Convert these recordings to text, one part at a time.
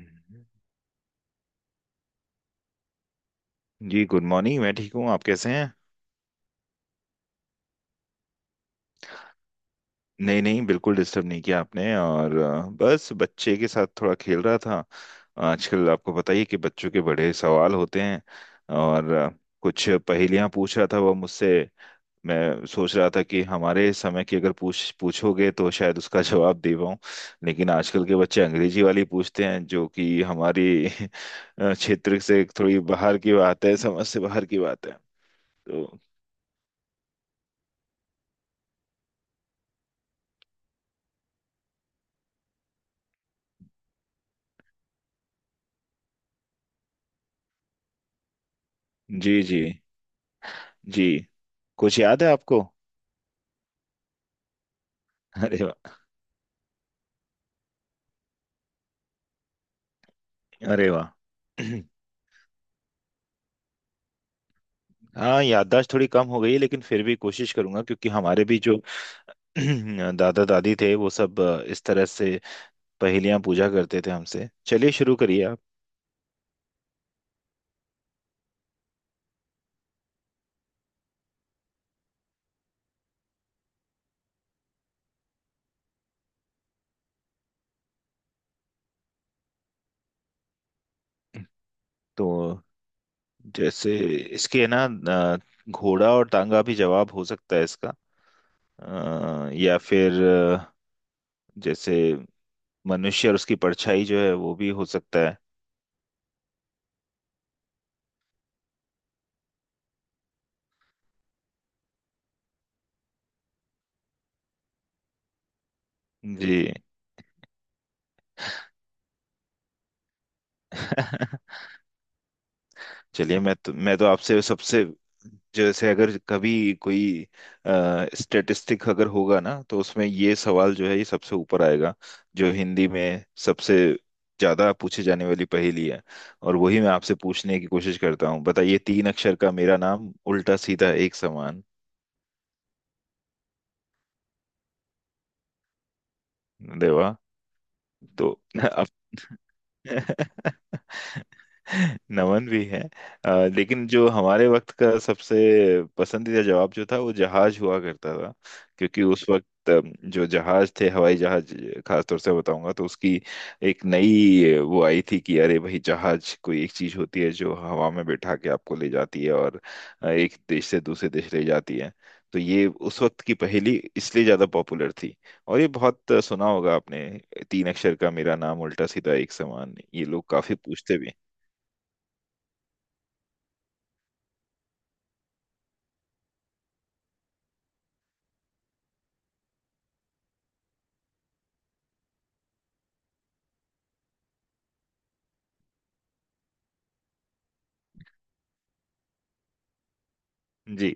हम्म। जी good morning. मैं ठीक हूँ। आप कैसे हैं? नहीं नहीं, बिल्कुल डिस्टर्ब नहीं किया आपने। और बस बच्चे के साथ थोड़ा खेल रहा था। आजकल आपको पता ही है कि बच्चों के बड़े सवाल होते हैं। और कुछ पहेलियां पूछ रहा था वो मुझसे। मैं सोच रहा था कि हमारे समय की अगर पूछ पूछोगे तो शायद उसका जवाब दे पाऊँ। लेकिन आजकल के बच्चे अंग्रेजी वाली पूछते हैं, जो कि हमारी क्षेत्र से थोड़ी बाहर की बात है, समझ से बाहर की बात है। तो। जी जी जी। कुछ याद है आपको? अरे वाह। अरे वाह। हाँ, याददाश्त थोड़ी कम हो गई है, लेकिन फिर भी कोशिश करूंगा, क्योंकि हमारे भी जो दादा दादी थे वो सब इस तरह से पहेलियां पूछा करते थे हमसे। चलिए, शुरू करिए आप। तो जैसे इसके ना, घोड़ा और टांगा भी जवाब हो सकता है इसका, या फिर जैसे मनुष्य और उसकी परछाई जो है वो भी हो सकता है। जी। चलिए, मैं तो आपसे सबसे, जैसे अगर कभी कोई स्टेटिस्टिक अगर होगा ना तो उसमें ये सवाल जो है ये सबसे ऊपर आएगा, जो हिंदी में सबसे ज्यादा पूछे जाने वाली पहेली है। और वही मैं आपसे पूछने की कोशिश करता हूँ। बताइए, तीन अक्षर का मेरा नाम, उल्टा सीधा एक समान। देवा। तो। अब। नमन भी है। अ, लेकिन जो हमारे वक्त का सबसे पसंदीदा जवाब जो था वो जहाज हुआ करता था। क्योंकि उस वक्त जो जहाज थे, हवाई जहाज, खास तौर से बताऊंगा तो उसकी एक नई वो आई थी कि अरे भाई, जहाज कोई एक चीज होती है जो हवा में बैठा के आपको ले जाती है, और एक देश से दूसरे देश ले जाती है। तो ये उस वक्त की पहेली इसलिए ज्यादा पॉपुलर थी। और ये बहुत सुना होगा आपने, तीन अक्षर का मेरा नाम उल्टा सीधा एक समान, ये लोग काफी पूछते भी हैं। जी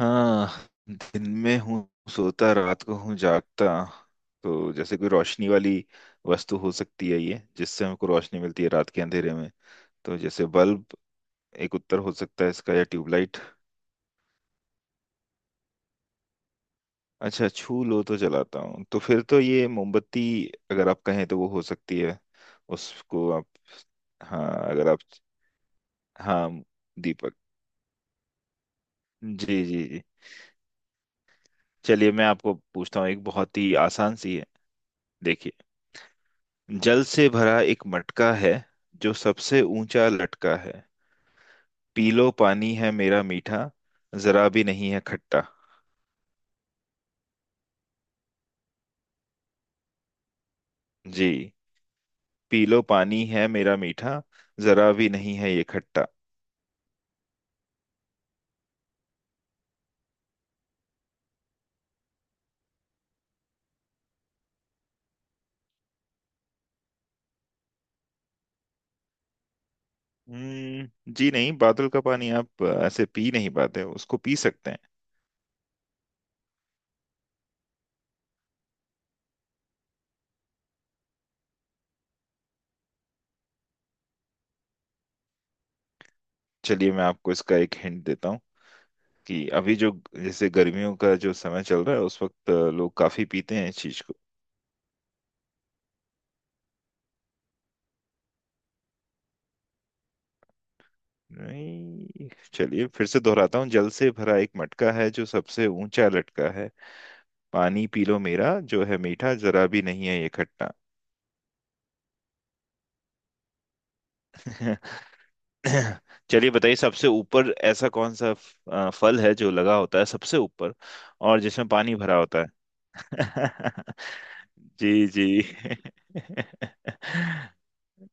हाँ। दिन में हूँ सोता, रात को हूँ जागता। तो जैसे कोई रोशनी वाली वस्तु हो सकती है ये, जिससे हमको रोशनी मिलती है रात के अंधेरे में। तो जैसे बल्ब एक उत्तर हो सकता है इसका, या ट्यूबलाइट। अच्छा, छू लो तो जलाता हूँ, तो फिर तो ये मोमबत्ती अगर आप कहें तो वो हो सकती है। उसको आप। हाँ, अगर आप। हाँ, दीपक। जी जी जी। चलिए, मैं आपको पूछता हूँ, एक बहुत ही आसान सी है। देखिए। जल से भरा एक मटका है, जो सबसे ऊंचा लटका है। पी लो पानी है मेरा मीठा, जरा भी नहीं है खट्टा। जी। पी लो पानी है मेरा मीठा, जरा भी नहीं है ये खट्टा। हम्म, जी नहीं, बादल का पानी आप ऐसे पी नहीं पाते, उसको पी सकते हैं। चलिए मैं आपको इसका एक हिंट देता हूँ कि अभी जो, जैसे गर्मियों का जो समय चल रहा है, उस वक्त लोग काफी पीते हैं इस चीज को। नहीं, चलिए फिर से दोहराता हूँ। जल से भरा एक मटका है, जो सबसे ऊंचा लटका है। पानी पी लो मेरा जो है मीठा, जरा भी नहीं है ये खट्टा। चलिए बताइए, सबसे ऊपर ऐसा कौन सा फल है जो लगा होता है सबसे ऊपर और जिसमें पानी भरा होता है? जी जी।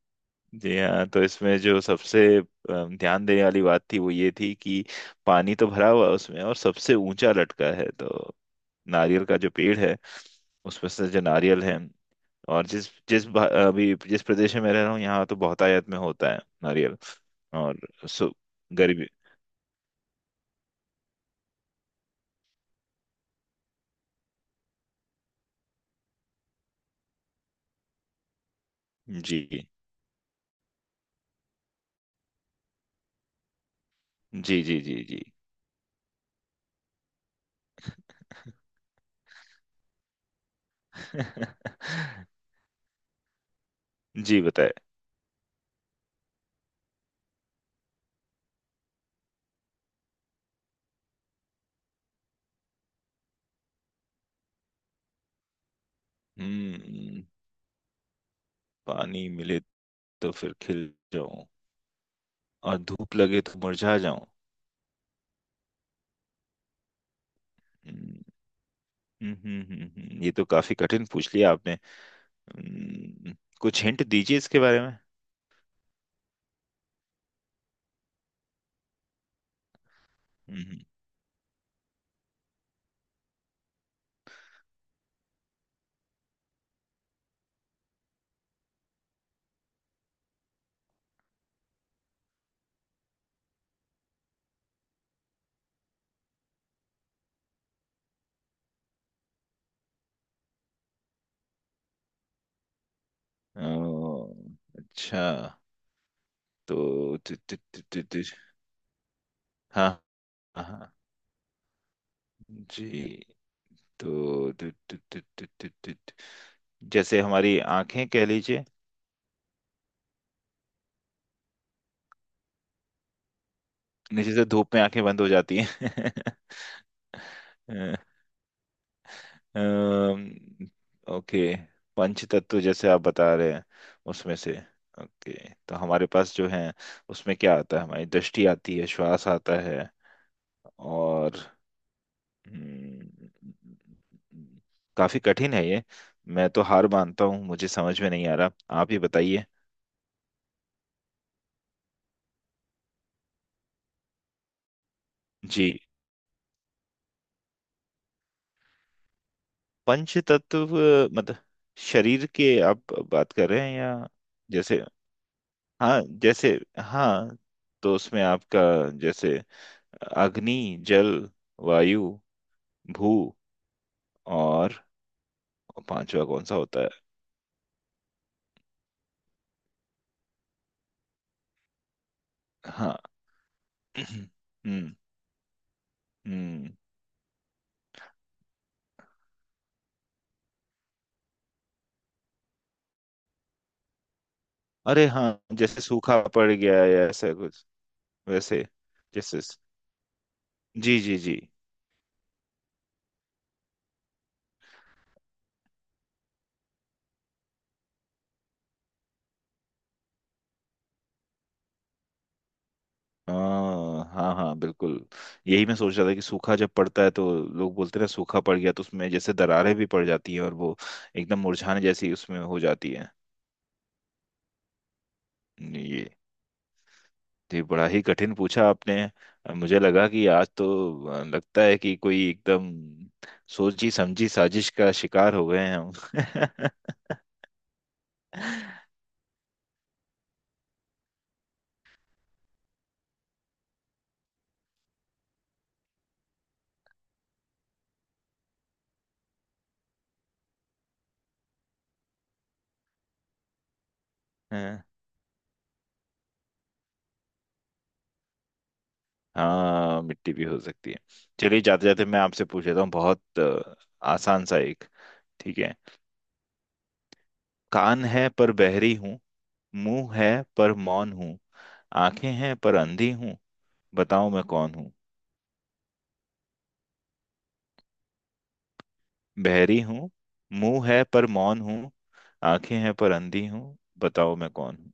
जी हाँ, तो इसमें जो सबसे ध्यान देने वाली बात थी वो ये थी कि पानी तो भरा हुआ है उसमें और सबसे ऊंचा लटका है, तो नारियल का जो पेड़ है, उसमें से जो नारियल है। और जिस जिस अभी जिस प्रदेश में मैं रह रहा हूँ, यहाँ तो बहुतायत में होता है नारियल। और सु गरीबी। जी जी जी जी जी। जी, बताए। हम्म। पानी मिले तो फिर खिल जाऊं, और धूप लगे तो मुरझा जाऊं। हम्म। ये तो काफी कठिन पूछ लिया आपने। हम्म, कुछ हिंट दीजिए इसके बारे में। हम्म। हम्म। अच्छा। तो तु, तु, तु, तु, तु, हाँ हाँ। जी। तो तु, तु, तु, तु, तु, तु, तु, जैसे हमारी आंखें कह लीजिए। नीचे से धूप में आंखें बंद हो जाती हैं। अम्म, ओके। पंच तत्व जैसे आप बता रहे हैं, उसमें से। ओके, तो हमारे पास जो है, उसमें क्या आता है? हमारी दृष्टि आती है, श्वास आता है। और हम्म, काफी कठिन है ये। मैं तो हार मानता हूँ, मुझे समझ में नहीं आ रहा। आप ही बताइए। जी, पंच तत्व मतलब, शरीर के आप बात कर रहे हैं या? जैसे। हाँ जैसे। हाँ, तो उसमें आपका, जैसे अग्नि, जल, वायु, भू, और पांचवा कौन सा होता है? हाँ। हम्म। हम्म। अरे हाँ, जैसे सूखा पड़ गया है या ऐसा कुछ। वैसे। जैसे। जी जी जी। हाँ हाँ हाँ, बिल्कुल। यही मैं सोच रहा था कि सूखा जब पड़ता है तो लोग बोलते हैं ना, सूखा पड़ गया, तो उसमें जैसे दरारें भी पड़ जाती हैं, और वो एकदम मुरझाने जैसी उसमें हो जाती है। ये। जी, बड़ा ही कठिन पूछा आपने। मुझे लगा कि आज तो, लगता है कि कोई एकदम सोची समझी साजिश का शिकार हो गए हैं हम। हाँ। हाँ, मिट्टी भी हो सकती है। चलिए, जाते जाते मैं आपसे पूछ लेता हूँ, बहुत आसान सा एक। ठीक है। कान है पर बहरी हूँ, मुंह है पर मौन हूँ, आंखें हैं पर अंधी हूँ, बताओ मैं कौन हूँ? बहरी हूँ, मुंह है पर मौन हूँ, आंखें हैं पर अंधी हूँ, बताओ मैं कौन हूँ?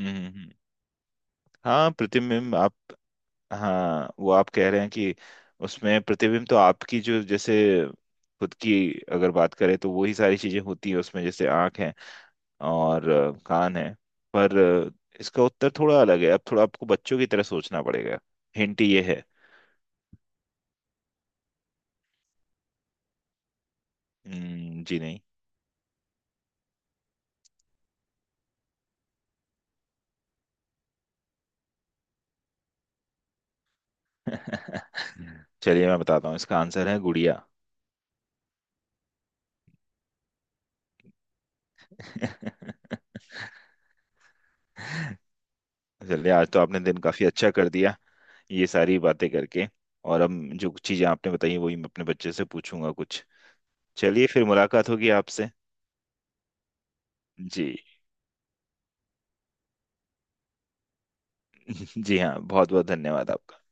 हम्म। हम्म। हम्म। हाँ, प्रतिबिंब आप। हाँ, वो आप कह रहे हैं कि उसमें प्रतिबिंब तो आपकी जो, जैसे खुद की अगर बात करें, तो वही सारी चीजें होती है उसमें, जैसे आंख है, और कान है, पर इसका उत्तर थोड़ा अलग है, अब थोड़ा आपको बच्चों की तरह सोचना पड़ेगा। हिंट ये है। जी नहीं। चलिए मैं बताता हूँ, इसका आंसर है गुड़िया। चलिए, आज तो आपने दिन काफी अच्छा कर दिया, ये सारी बातें करके। और हम, जो कुछ चीजें आपने बताई, वही मैं अपने बच्चे से पूछूंगा कुछ। चलिए फिर मुलाकात होगी आपसे। जी। जी हाँ, बहुत बहुत धन्यवाद आपका।